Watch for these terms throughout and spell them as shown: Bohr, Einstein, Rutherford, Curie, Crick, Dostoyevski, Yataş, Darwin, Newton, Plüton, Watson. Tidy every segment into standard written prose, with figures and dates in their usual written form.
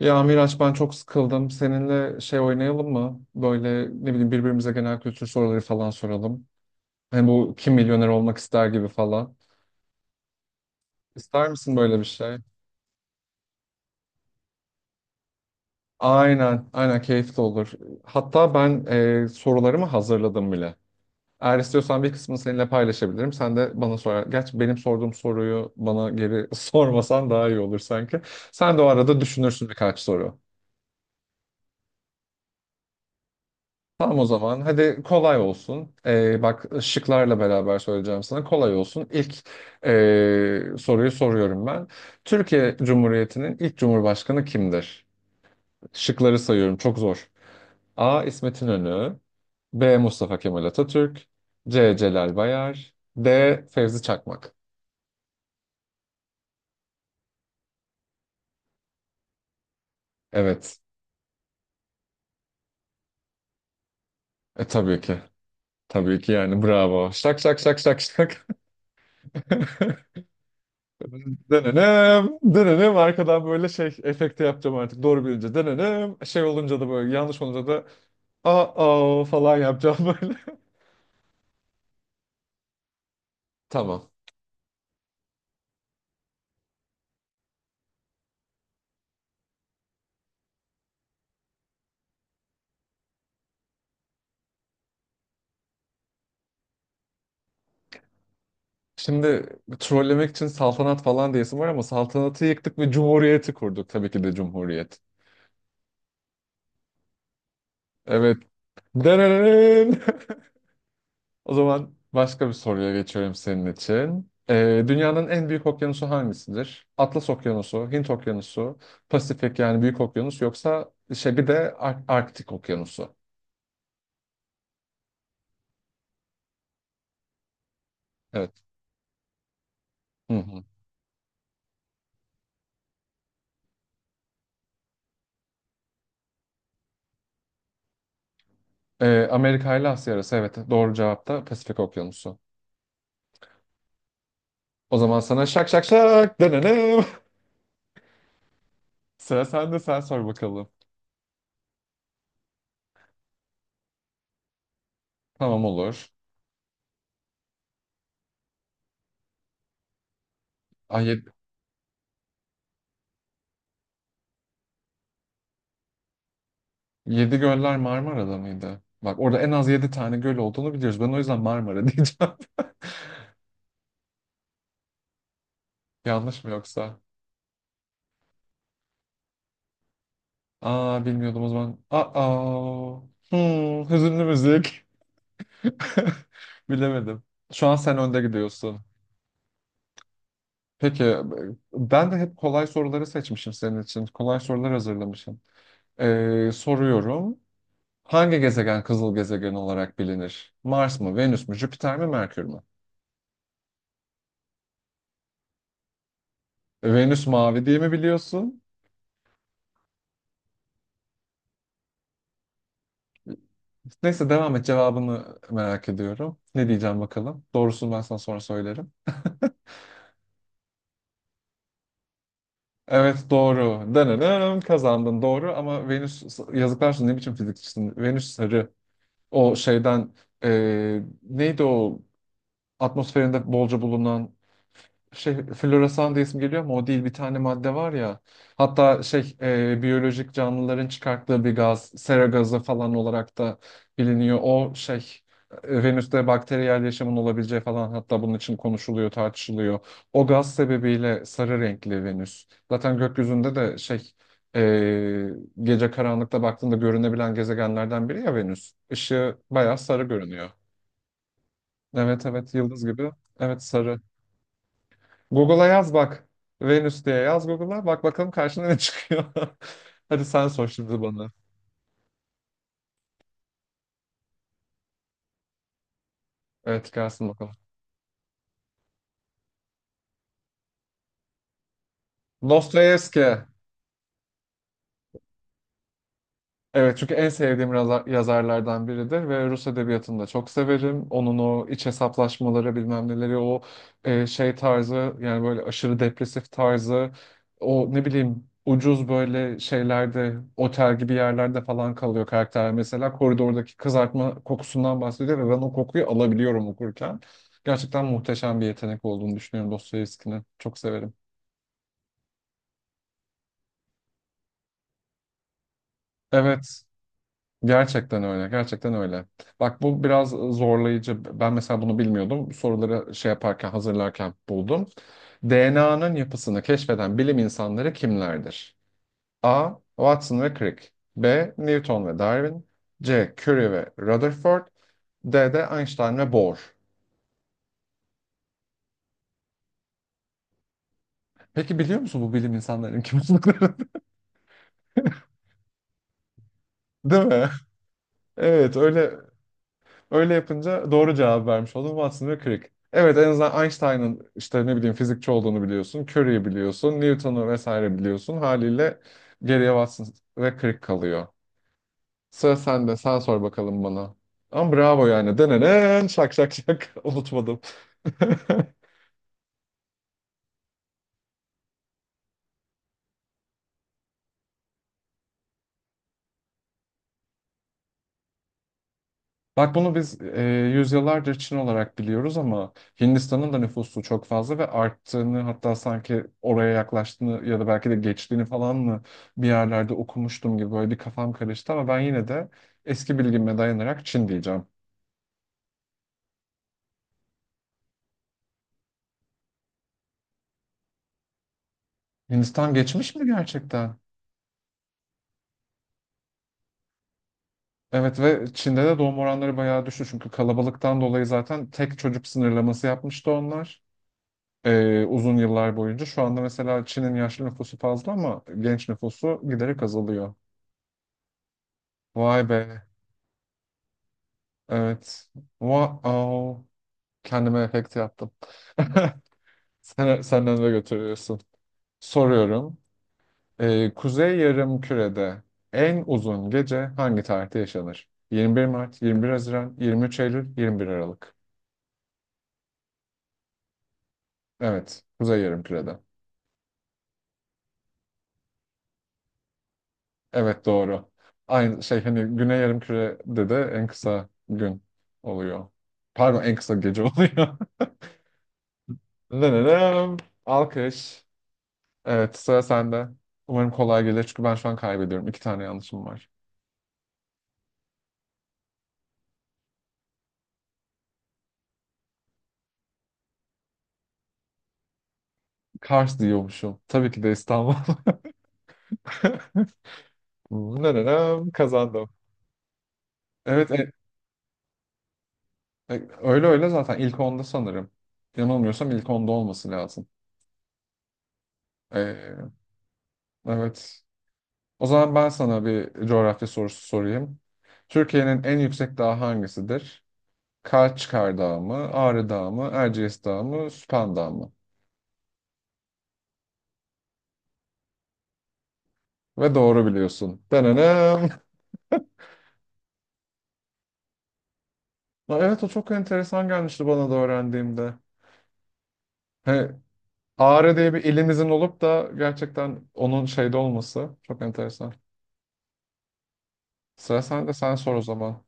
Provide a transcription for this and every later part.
Ya Miraç ben çok sıkıldım. Seninle şey oynayalım mı? Böyle ne bileyim birbirimize genel kültür soruları falan soralım. Hani bu kim milyoner olmak ister gibi falan. İster misin böyle bir şey? Aynen, aynen keyifli olur. Hatta ben sorularımı hazırladım bile. Eğer istiyorsan bir kısmını seninle paylaşabilirim. Sen de bana sorar. Gerçi benim sorduğum soruyu bana geri sormasan daha iyi olur sanki. Sen de o arada düşünürsün birkaç soru. Tamam o zaman. Hadi kolay olsun. Bak şıklarla beraber söyleyeceğim sana. Kolay olsun. İlk soruyu soruyorum ben. Türkiye Cumhuriyeti'nin ilk cumhurbaşkanı kimdir? Şıkları sayıyorum. Çok zor. A. İsmet İnönü. B. Mustafa Kemal Atatürk. C. Celal Bayar. D. Fevzi Çakmak. Evet. E tabii ki. Tabii ki yani bravo. Şak şak şak şak şak. Denenem, denenem. Arkadan böyle şey efekte yapacağım artık. Doğru bilince denenem. Şey olunca da böyle, yanlış olunca da aa falan yapacağım böyle. Tamam. Şimdi trollemek için saltanat falan diyesim var ama saltanatı yıktık ve cumhuriyeti kurduk. Tabii ki de cumhuriyet. Evet. Denenem. O zaman başka bir soruya geçiyorum senin için. Dünyanın en büyük okyanusu hangisidir? Atlas Okyanusu, Hint Okyanusu, Pasifik yani Büyük Okyanus, yoksa şey bir de Arktik Okyanusu. Evet. Hı hı. Amerika ile Asya arası, evet, doğru cevap da Pasifik Okyanusu. O zaman sana şak şak şak denelim. Sıra sende, sen sor bakalım. Tamam olur. Ay, yedi, yedi göller Marmara'da mıydı? Bak orada en az yedi tane göl olduğunu biliyoruz. Ben o yüzden Marmara diyeceğim. Yanlış mı yoksa? Aa, bilmiyordum o zaman. Aa. Hüzünlü müzik. Bilemedim. Şu an sen önde gidiyorsun. Peki, ben de hep kolay soruları seçmişim senin için. Kolay sorular hazırlamışım. Soruyorum. Hangi gezegen kızıl gezegen olarak bilinir? Mars mı, Venüs mü, Jüpiter mi, Merkür mü? Venüs mavi diye mi biliyorsun? Neyse devam et, cevabını merak ediyorum. Ne diyeceğim bakalım. Doğrusunu ben sana sonra söylerim. Evet doğru. Danırım kazandın doğru, ama Venüs, yazıklar olsun, ne biçim fizikçisin? Venüs sarı. O şeyden neydi o atmosferinde bolca bulunan şey, floresan diye isim geliyor ama o değil, bir tane madde var ya. Hatta şey, biyolojik canlıların çıkarttığı bir gaz, sera gazı falan olarak da biliniyor. O şey, Venüs'te bakteriyel yaşamın olabileceği falan, hatta bunun için konuşuluyor, tartışılıyor. O gaz sebebiyle sarı renkli Venüs. Zaten gökyüzünde de şey, e, gece karanlıkta baktığında görünebilen gezegenlerden biri ya Venüs. Işığı bayağı sarı görünüyor. Evet evet, yıldız gibi. Evet sarı. Google'a yaz bak. Venüs diye yaz Google'a. Bak bakalım karşına ne çıkıyor. Hadi sen sor şimdi bana. Evet, gelsin bakalım. Dostoyevski. Evet, çünkü en sevdiğim yazarlardan biridir ve Rus edebiyatını da çok severim. Onun o iç hesaplaşmaları, bilmem neleri, o şey tarzı, yani böyle aşırı depresif tarzı, o ne bileyim, ucuz böyle şeylerde, otel gibi yerlerde falan kalıyor karakter, mesela koridordaki kızartma kokusundan bahsediyor ve ben o kokuyu alabiliyorum okurken. Gerçekten muhteşem bir yetenek olduğunu düşünüyorum Dostoyevski'nin. Çok severim. Evet. Gerçekten öyle, gerçekten öyle. Bak bu biraz zorlayıcı. Ben mesela bunu bilmiyordum. Soruları şey yaparken, hazırlarken buldum. DNA'nın yapısını keşfeden bilim insanları kimlerdir? A. Watson ve Crick. B. Newton ve Darwin. C. Curie ve Rutherford. D de Einstein ve Bohr. Peki biliyor musun bu bilim insanlarının kim olduklarını? Değil mi? Evet öyle. Öyle yapınca doğru cevap vermiş oldum. Watson ve Crick. Evet, en azından Einstein'ın işte ne bileyim fizikçi olduğunu biliyorsun. Curie'yi biliyorsun. Newton'u vesaire biliyorsun. Haliyle geriye Watson ve Crick kalıyor. Sıra sende. Sen sor bakalım bana. Ama bravo yani. Denenen şak şak şak. Unutmadım. Bak bunu biz yüzyıllardır Çin olarak biliyoruz, ama Hindistan'ın da nüfusu çok fazla ve arttığını, hatta sanki oraya yaklaştığını ya da belki de geçtiğini falan mı bir yerlerde okumuştum gibi, böyle bir kafam karıştı, ama ben yine de eski bilgime dayanarak Çin diyeceğim. Hindistan geçmiş mi gerçekten? Evet, ve Çin'de de doğum oranları bayağı düştü, çünkü kalabalıktan dolayı zaten tek çocuk sınırlaması yapmıştı onlar. Uzun yıllar boyunca. Şu anda mesela Çin'in yaşlı nüfusu fazla ama genç nüfusu giderek azalıyor. Vay be. Evet. Wow. Kendime efekt yaptım. Sen, senden de götürüyorsun. Soruyorum. Kuzey Yarımküre'de en uzun gece hangi tarihte yaşanır? 21 Mart, 21 Haziran, 23 Eylül, 21 Aralık. Evet. Kuzey Yarımküre'de. Evet doğru. Aynı şey hani, Güney Yarımküre'de de en kısa gün oluyor. Pardon, en kısa gece oluyor. Dınınım. Alkış. Evet, sıra sende. Umarım kolay gelir çünkü ben şu an kaybediyorum. İki tane yanlışım var. Kars diyormuşum. Tabii ki de İstanbul. Nerenem kazandım. Evet, öyle öyle, zaten ilk onda sanırım. Yanılmıyorsam ilk onda olması lazım. Ee, evet. O zaman ben sana bir coğrafya sorusu sorayım. Türkiye'nin en yüksek dağı hangisidir? Kaçkar Dağı mı, Ağrı Dağı mı, Erciyes Dağı mı, Süphan Dağı mı? Ve doğru biliyorsun. Denenem. Ya evet, o çok enteresan gelmişti bana da öğrendiğimde. He, Ağrı diye bir ilimizin olup da gerçekten onun şeyde olması çok enteresan. Sıra sende, sen sor o zaman.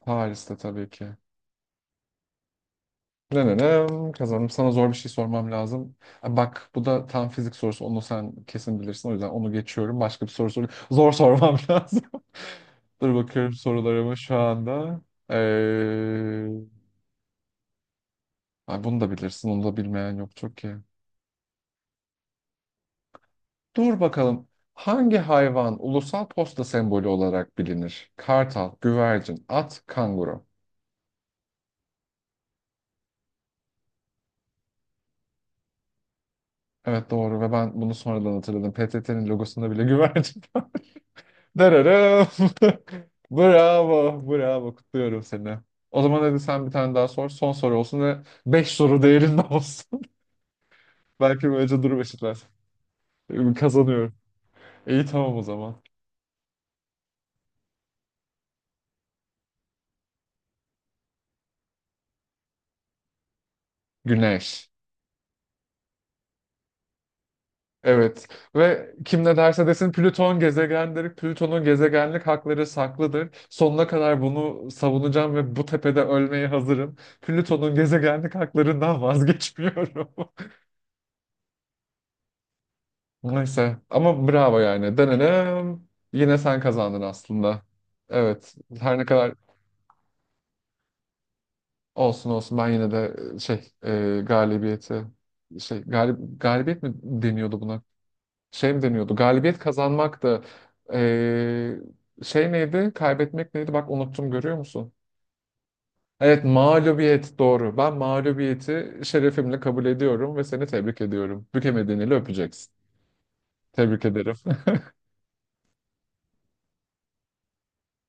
Paris'te tabii ki. Ne ne ne kazandım. Sana zor bir şey sormam lazım. Ha, bak bu da tam fizik sorusu. Onu sen kesin bilirsin. O yüzden onu geçiyorum. Başka bir soru sor. Zor sormam lazım. Dur bakıyorum sorularımı şu anda. Ee, Ay, bunu da bilirsin. Onu da bilmeyen yok çok ki. Dur bakalım. Hangi hayvan ulusal posta sembolü olarak bilinir? Kartal, güvercin, at, kanguru. Evet doğru, ve ben bunu sonradan hatırladım. PTT'nin logosunda bile güvercin var. Dararım. Bravo, bravo. Kutluyorum seni. O zaman hadi sen bir tane daha sor. Son soru olsun ve 5 soru değerinde olsun. Belki böylece durum eşitler. Kazanıyorum. İyi, tamam o zaman. Güneş. Evet, ve kim ne derse desin, Plüton gezegendir. Plüton'un gezegenlik hakları saklıdır. Sonuna kadar bunu savunacağım ve bu tepede ölmeye hazırım. Plüton'un gezegenlik haklarından vazgeçmiyorum. Neyse, ama bravo yani. Denedim. Yine sen kazandın aslında. Evet, her ne kadar olsun olsun, ben yine de şey, galibiyeti, şey, galibiyet mi deniyordu buna? Şey mi deniyordu? Galibiyet kazanmak da eee, şey neydi? Kaybetmek neydi? Bak unuttum, görüyor musun? Evet, mağlubiyet doğru. Ben mağlubiyeti şerefimle kabul ediyorum ve seni tebrik ediyorum. Bükemediğini öpeceksin. Tebrik ederim.